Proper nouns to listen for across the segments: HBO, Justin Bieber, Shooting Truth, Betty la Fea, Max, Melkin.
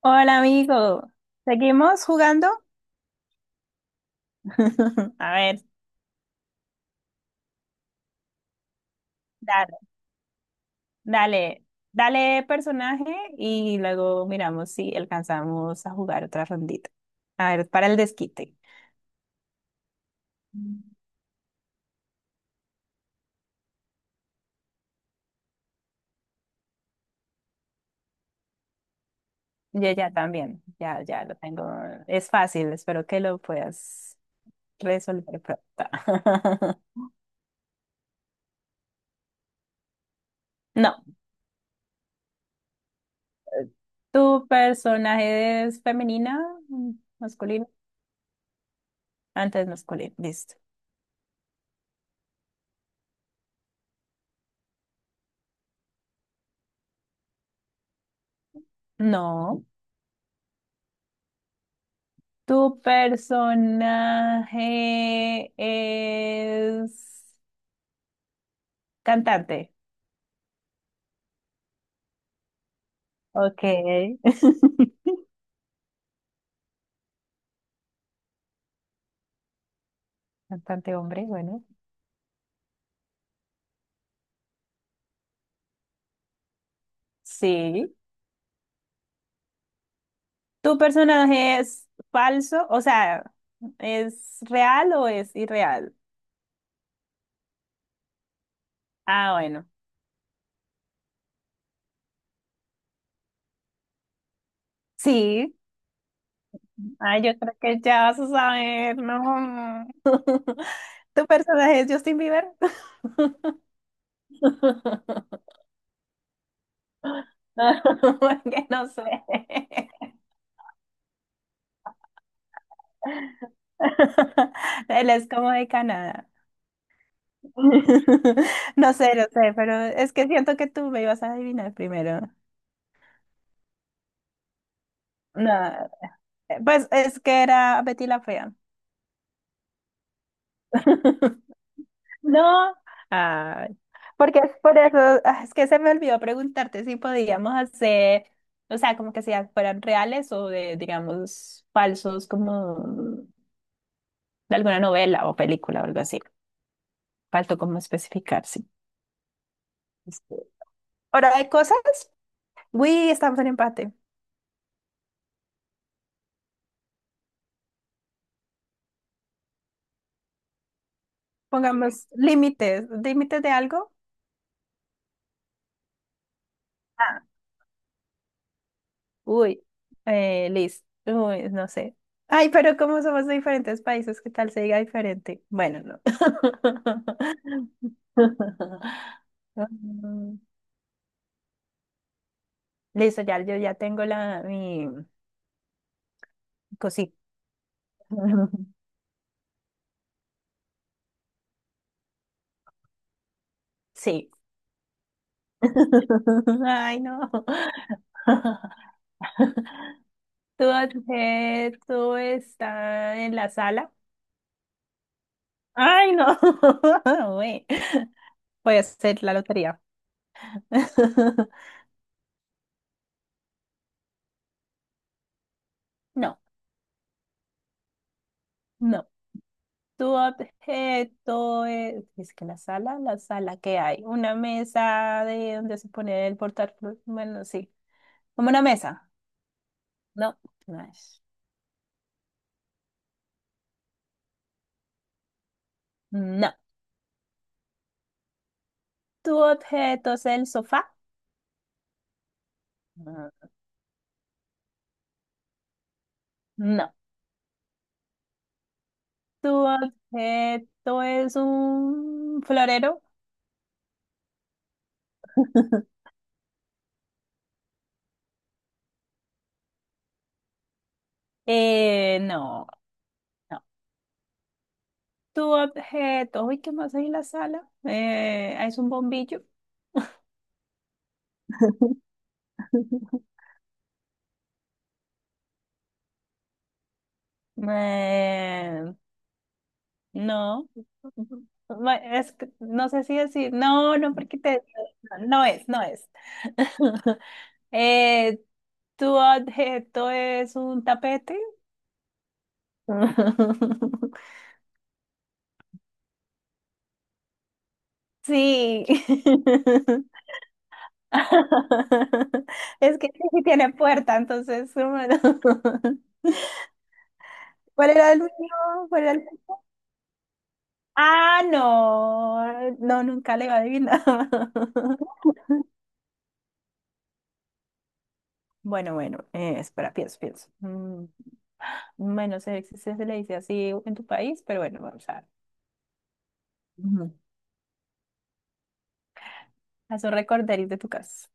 Hola amigo, ¿seguimos jugando? A ver, dale, dale, dale personaje y luego miramos si alcanzamos a jugar otra rondita. A ver, para el desquite. Mm. Yo ya también, ya, ya lo tengo. Es fácil, espero que lo puedas resolver pronto. No, ¿tu personaje es femenina, masculino? Antes masculino, listo. No. ¿Tu personaje es cantante? Ok. Cantante hombre, bueno. Sí. ¿Tu personaje es falso? O sea, ¿es real o es irreal? Ah, bueno. Sí. Ah, yo creo que ya vas a saber, no. ¿Tu personaje es Justin Bieber? Porque no sé. Él es como de Canadá. No sé, no sé, pero es que siento que tú me ibas a adivinar primero. No, pues es que era Betty la Fea. No, ay, porque es por eso, es que se me olvidó preguntarte si podíamos hacer, o sea, como que si fueran reales o de, digamos, falsos, como de alguna novela o película o algo así. Faltó como especificar, sí. Este, ¿hora de cosas? Uy, estamos en empate. Pongamos límites. ¿Límites de algo? Ah, uy, Liz. Uy, no sé. Ay, pero como somos de diferentes países, ¿qué tal se diga diferente? Bueno, no. Mm, listo, ya, yo ya tengo la, mi cosita. Sí. Ay, no. ¿Tu objeto está en la sala? Ay, no. Uy. Voy a hacer la lotería. No, no. Tu objeto es que la sala que hay, una mesa de donde se pone el portátil, bueno, sí, como una mesa. No, no es. No. Tu objeto es el sofá. No. No. Tu objeto es un florero. No, no. Tu objeto, uy, ¿qué más hay en la sala? Es un bombillo. Eh, no, ma- es que no sé si decir, no, no, porque te... No es, no es. Eh, ¿tu objeto es un tapete? Sí. Es que sí tiene puerta, entonces... bueno. ¿Cuál era el mío? ¿Cuál era el- ah, no, no, nunca le iba a adivinar. Bueno, bueno, espera, pienso, pienso. Mm, bueno, sé si se le dice así en tu país, pero bueno, vamos a ver. Ujú. Haz un recorderis de tu casa.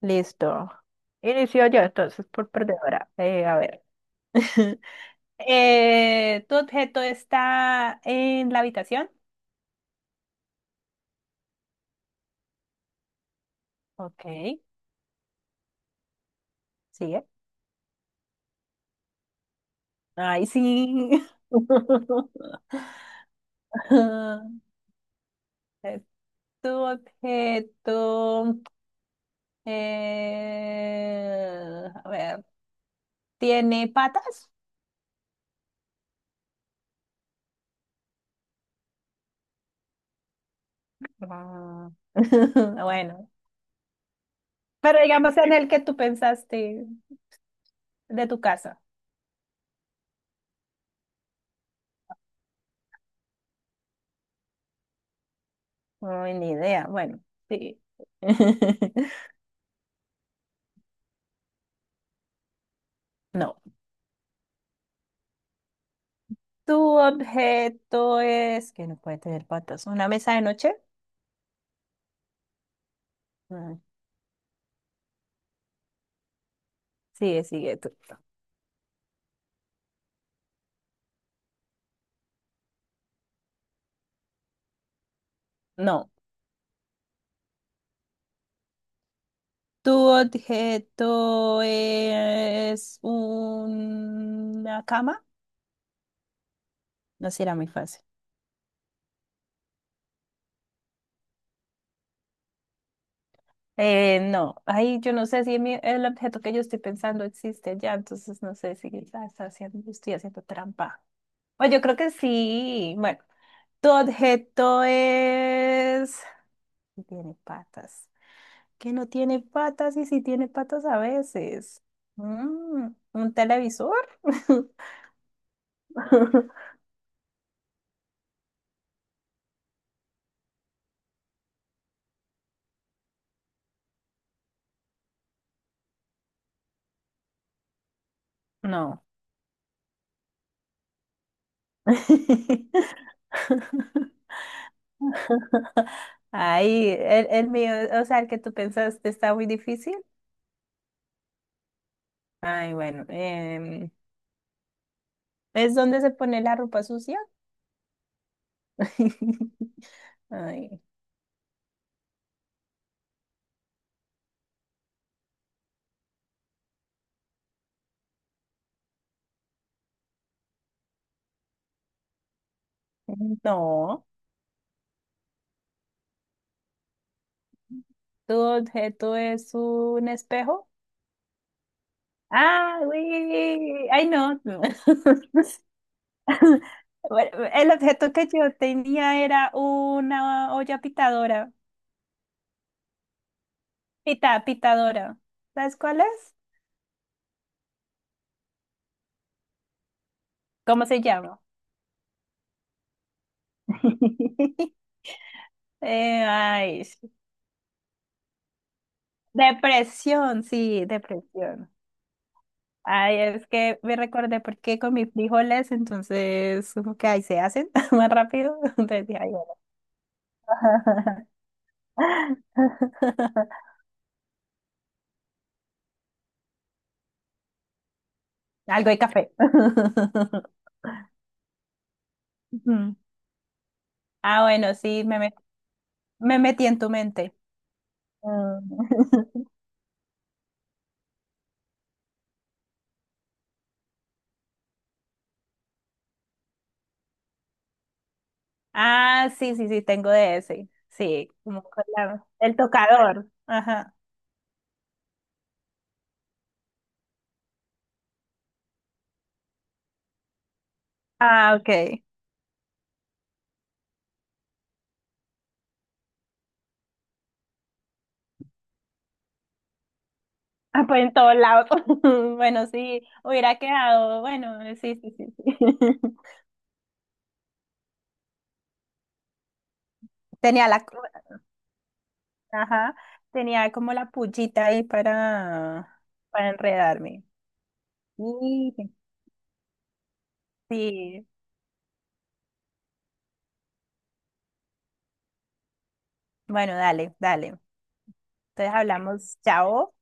Listo. Inicio yo entonces por perdedora. A ver. ¿Tu objeto está en la habitación? Ok, sigue. Ay, sí. Es tu objeto, a ver, ¿tiene patas? Ah, bueno, pero digamos en el que tú pensaste de tu casa. Ay, ni idea. Bueno. Sí. No. ¿Tu objeto es que no puede tener patas? ¿Una mesa de noche? Ah, sigue, sigue tú. No. ¿Tu objeto es una cama? No será muy fácil. No, ahí yo no sé si mi- el objeto que yo estoy pensando existe ya, entonces no sé si la está haciendo, estoy haciendo trampa. O yo creo que sí. Bueno, tu objeto es... sí tiene patas. Que no tiene patas y sí tiene patas a veces. Mm, ¿un televisor? No. Ahí el mío, o sea, el que tú pensaste está muy difícil. Ay, bueno, ¿es donde se pone la ropa sucia? Ay, no. ¿Tu objeto es un espejo? Ah, uy, ay, no. Bueno, el objeto que yo tenía era una olla pitadora. Pita, pitadora. ¿Sabes cuál es? ¿Cómo se llama? Ay, sí. Depresión, sí, depresión. Ay, es que me recordé porque con mis frijoles, entonces, como que ahí se hacen más rápido. Entonces dije, ay, bueno. Algo de café. Ujú. Ah, bueno, sí, me, met- me metí en tu mente. Mm. Ah, sí, sí, sí, tengo de ese. Sí, como con la- el tocador. Ajá. Ah, ok. Ah, pues en todos lados. Bueno, sí, hubiera quedado, bueno, sí, sí, sí, sí. Tenía la, ajá, tenía como la pullita ahí para enredarme. Y- sí, bueno, dale, dale. Entonces hablamos, chao.